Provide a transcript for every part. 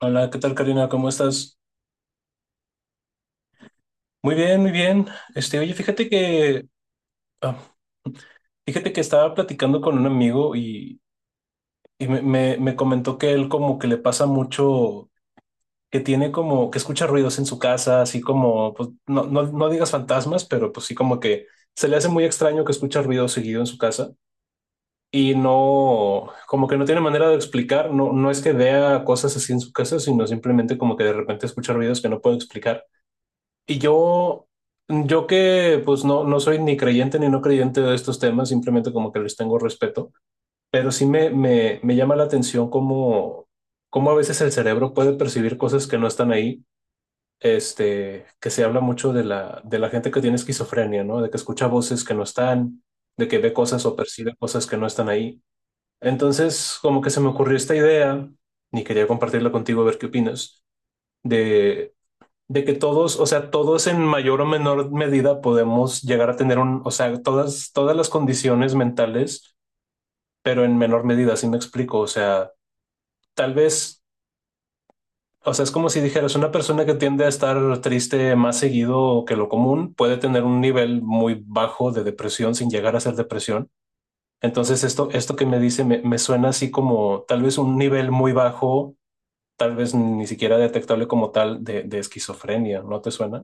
Hola, ¿qué tal, Karina? ¿Cómo estás? Muy bien, muy bien. Oye, ah, fíjate que estaba platicando con un amigo y, me comentó que él como que le pasa mucho, que tiene como, que escucha ruidos en su casa, así como, pues, no, no, no digas fantasmas, pero pues sí como que se le hace muy extraño que escucha ruido seguido en su casa y no, como que no tiene manera de explicar, no, no es que vea cosas así en su casa, sino simplemente como que de repente escucha ruidos que no puede explicar. Y yo, yo que pues no, no soy ni creyente ni no creyente de estos temas, simplemente como que les tengo respeto, pero sí me llama la atención cómo a veces el cerebro puede percibir cosas que no están ahí. Que se habla mucho de de la gente que tiene esquizofrenia, ¿no? De que escucha voces que no están, de que ve cosas o percibe cosas que no están ahí. Entonces, como que se me ocurrió esta idea, y quería compartirla contigo a ver qué opinas, de de que todos, o sea, todos en mayor o menor medida podemos llegar a tener un, o sea, todas las condiciones mentales, pero en menor medida, si me explico, o sea, tal vez, o sea, es como si dijeras, una persona que tiende a estar triste más seguido que lo común puede tener un nivel muy bajo de depresión sin llegar a ser depresión. Entonces, esto que me dice me suena así como tal vez un nivel muy bajo, tal vez ni siquiera detectable como tal de esquizofrenia, ¿no te suena?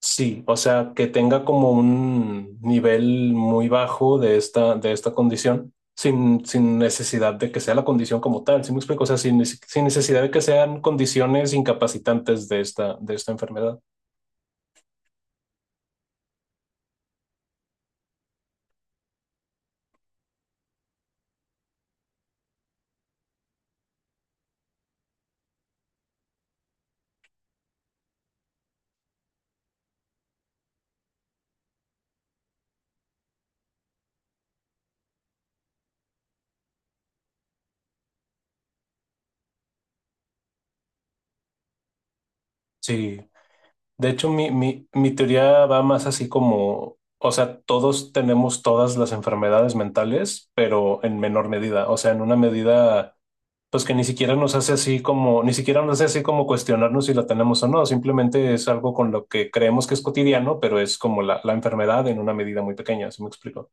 Sí, o sea, que tenga como un nivel muy bajo de de esta condición, sin necesidad de que sea la condición como tal, ¿sí me explico? O sea, sin necesidad de que sean condiciones incapacitantes de de esta enfermedad. Sí. De hecho, mi teoría va más así como, o sea, todos tenemos todas las enfermedades mentales, pero en menor medida, o sea, en una medida, pues que ni siquiera nos hace así como, ni siquiera nos hace así como cuestionarnos si la tenemos o no, simplemente es algo con lo que creemos que es cotidiano, pero es como la enfermedad en una medida muy pequeña, ¿se me explico?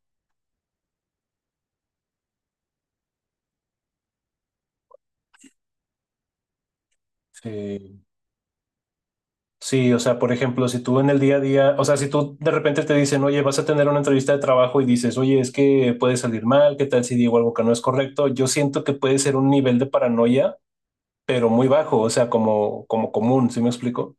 Sí. Sí, o sea, por ejemplo, si tú en el día a día, o sea, si tú de repente te dicen, oye, vas a tener una entrevista de trabajo y dices, oye, es que puede salir mal, ¿qué tal si digo algo que no es correcto? Yo siento que puede ser un nivel de paranoia, pero muy bajo, o sea, como, como común, ¿sí me explico?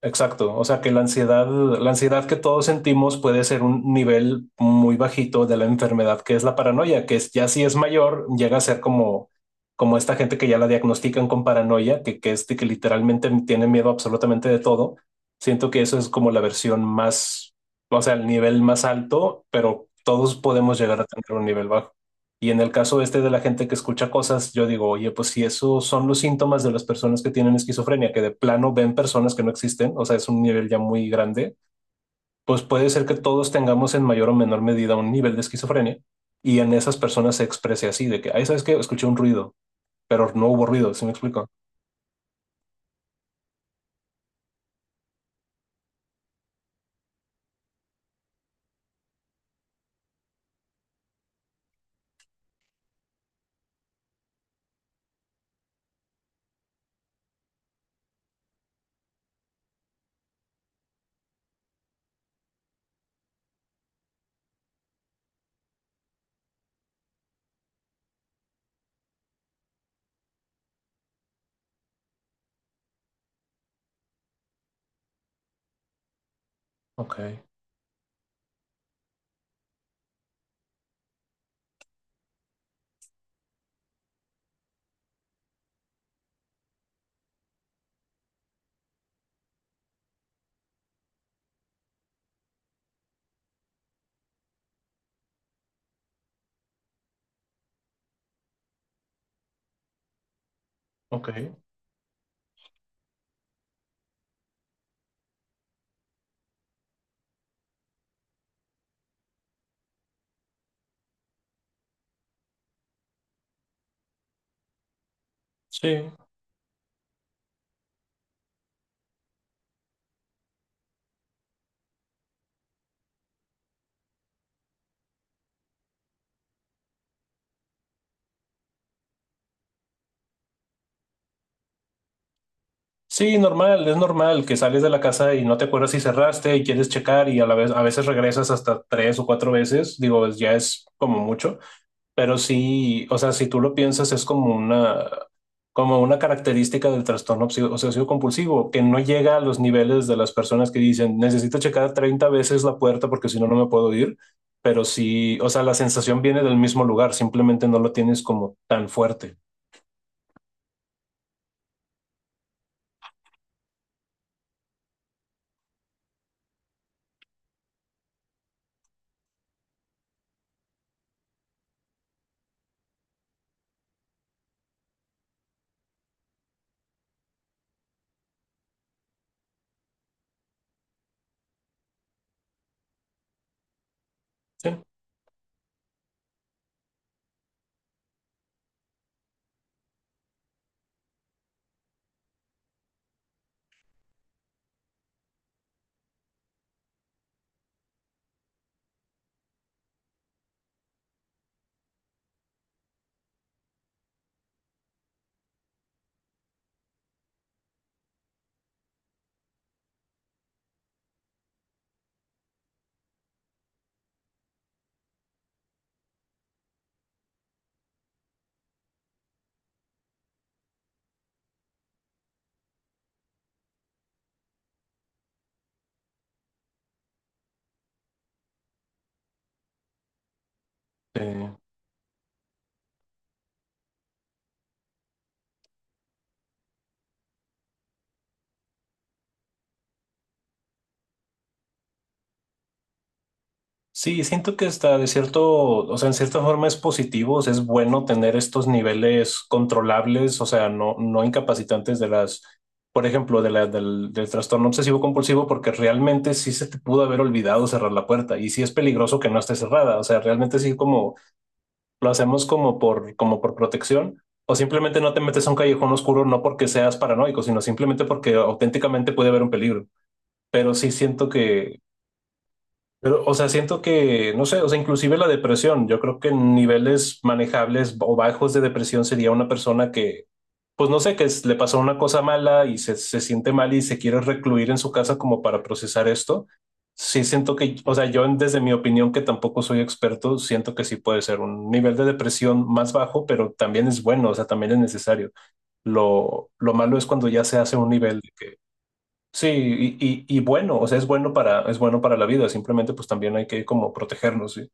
Exacto, o sea que la ansiedad que todos sentimos puede ser un nivel muy bajito de la enfermedad que es la paranoia, que es, ya si es mayor llega a ser como, como esta gente que ya la diagnostican con paranoia, es, de que literalmente tiene miedo absolutamente de todo. Siento que eso es como la versión más, o sea, el nivel más alto, pero todos podemos llegar a tener un nivel bajo. Y en el caso este de la gente que escucha cosas, yo digo, oye, pues si esos son los síntomas de las personas que tienen esquizofrenia, que de plano ven personas que no existen, o sea, es un nivel ya muy grande, pues puede ser que todos tengamos en mayor o menor medida un nivel de esquizofrenia y en esas personas se exprese así, de que, ay, ¿sabes qué? Escuché un ruido, pero no hubo ruido, ¿sí me explico? Ok, ok, sí. Sí, normal, es normal que sales de la casa y no te acuerdas si cerraste y quieres checar y a la vez a veces regresas hasta tres o cuatro veces, digo, ya es como mucho. Pero sí, o sea, si tú lo piensas, es como una característica del obsesivo-compulsivo, que no llega a los niveles de las personas que dicen, necesito checar 30 veces la puerta porque si no, no me puedo ir. Pero sí, o sea, la sensación viene del mismo lugar, simplemente no lo tienes como tan fuerte. Sí. Sí. Sí, siento que está de cierto, o sea, en cierta forma es positivo, o sea, es bueno tener estos niveles controlables, o sea, no, no incapacitantes de las, por ejemplo, de del trastorno obsesivo compulsivo, porque realmente sí se te pudo haber olvidado cerrar la puerta y sí es peligroso que no esté cerrada, o sea, realmente sí como lo hacemos como por, como por protección, o simplemente no te metes a un callejón oscuro, no porque seas paranoico, sino simplemente porque auténticamente puede haber un peligro. Pero sí siento que, pero, o sea, siento que, no sé, o sea, inclusive la depresión, yo creo que en niveles manejables o bajos de depresión sería una persona que, pues no sé, le pasó una cosa mala y se siente mal y se quiere recluir en su casa como para procesar esto. Sí siento que, o sea, desde mi opinión, que tampoco soy experto, siento que sí puede ser un nivel de depresión más bajo, pero también es bueno, o sea, también es necesario. Lo malo es cuando ya se hace un nivel. Sí, y bueno, o sea, es bueno para la vida, simplemente pues también hay que como protegernos, ¿sí?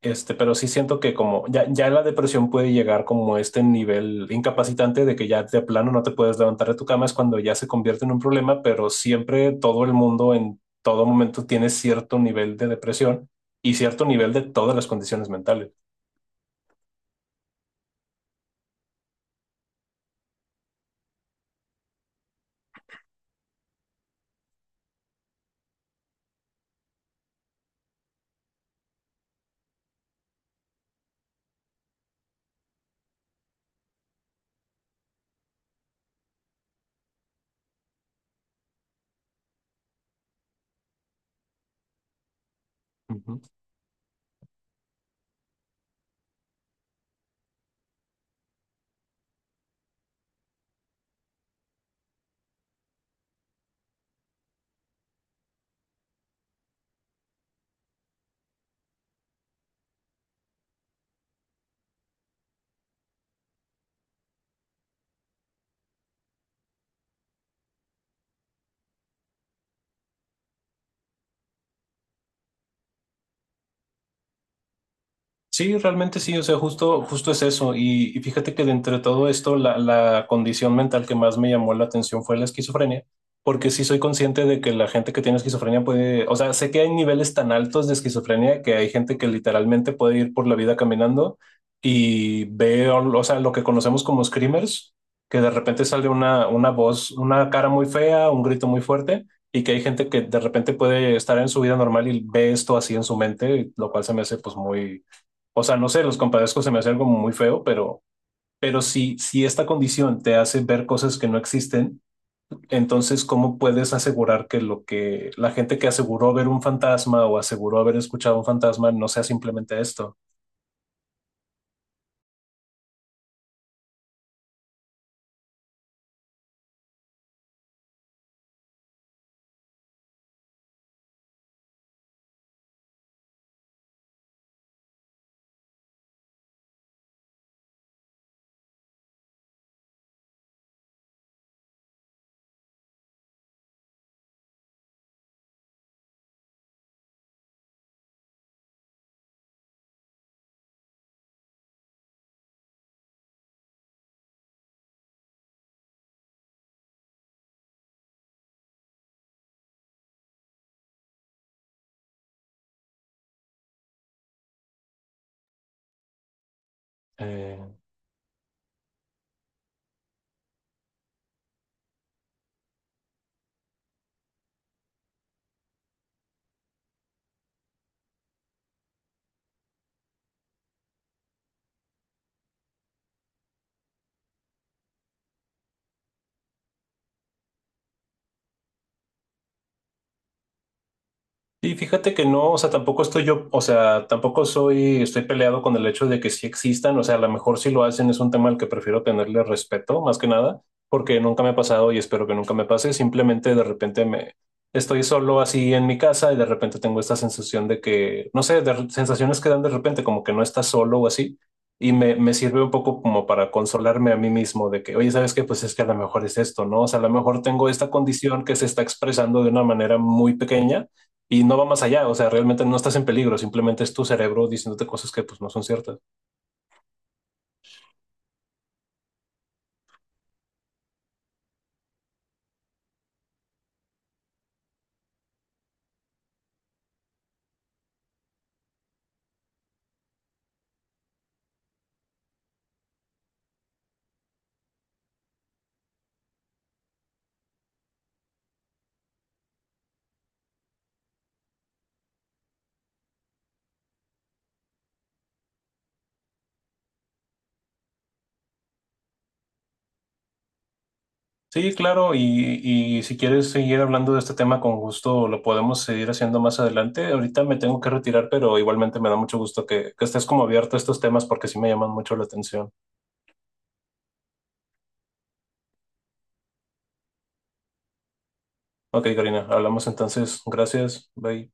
Pero sí siento que como ya la depresión puede llegar como a este nivel incapacitante de que ya de plano no te puedes levantar de tu cama, es cuando ya se convierte en un problema, pero siempre todo el mundo en todo momento tiene cierto nivel de depresión y cierto nivel de todas las condiciones mentales. Ujú. Sí, realmente sí, o sea, justo es eso. Y fíjate que de entre todo esto, la condición mental que más me llamó la atención fue la esquizofrenia, porque sí soy consciente de que la gente que tiene esquizofrenia puede, o sea, sé que hay niveles tan altos de esquizofrenia que hay gente que literalmente puede ir por la vida caminando y ve, o sea, lo que conocemos como screamers, que de repente sale una voz, una cara muy fea, un grito muy fuerte, y que hay gente que de repente puede estar en su vida normal y ve esto así en su mente, lo cual se me hace pues muy, o sea, no sé, los compadezco, se me hace algo muy feo, pero si, si esta condición te hace ver cosas que no existen, entonces, ¿cómo puedes asegurar que lo que la gente que aseguró ver un fantasma o aseguró haber escuchado un fantasma no sea simplemente esto? Eh, Y fíjate que no, o sea, tampoco estoy yo, o sea, tampoco soy, estoy peleado con el hecho de que sí existan, o sea, a lo mejor si lo hacen es un tema al que prefiero tenerle respeto, más que nada, porque nunca me ha pasado y espero que nunca me pase, simplemente de repente me estoy solo así en mi casa y de repente tengo esta sensación de que, no sé, sensaciones que dan de repente como que no estás solo o así, y me sirve un poco como para consolarme a mí mismo de que, oye, ¿sabes qué? Pues es que a lo mejor es esto, ¿no? O sea, a lo mejor tengo esta condición que se está expresando de una manera muy pequeña y no va más allá, o sea, realmente no estás en peligro, simplemente es tu cerebro diciéndote cosas que pues no son ciertas. Sí, claro, y si quieres seguir hablando de este tema con gusto, lo podemos seguir haciendo más adelante. Ahorita me tengo que retirar, pero igualmente me da mucho gusto que estés como abierto a estos temas porque sí me llaman mucho la atención. Ok, Karina, hablamos entonces. Gracias, bye.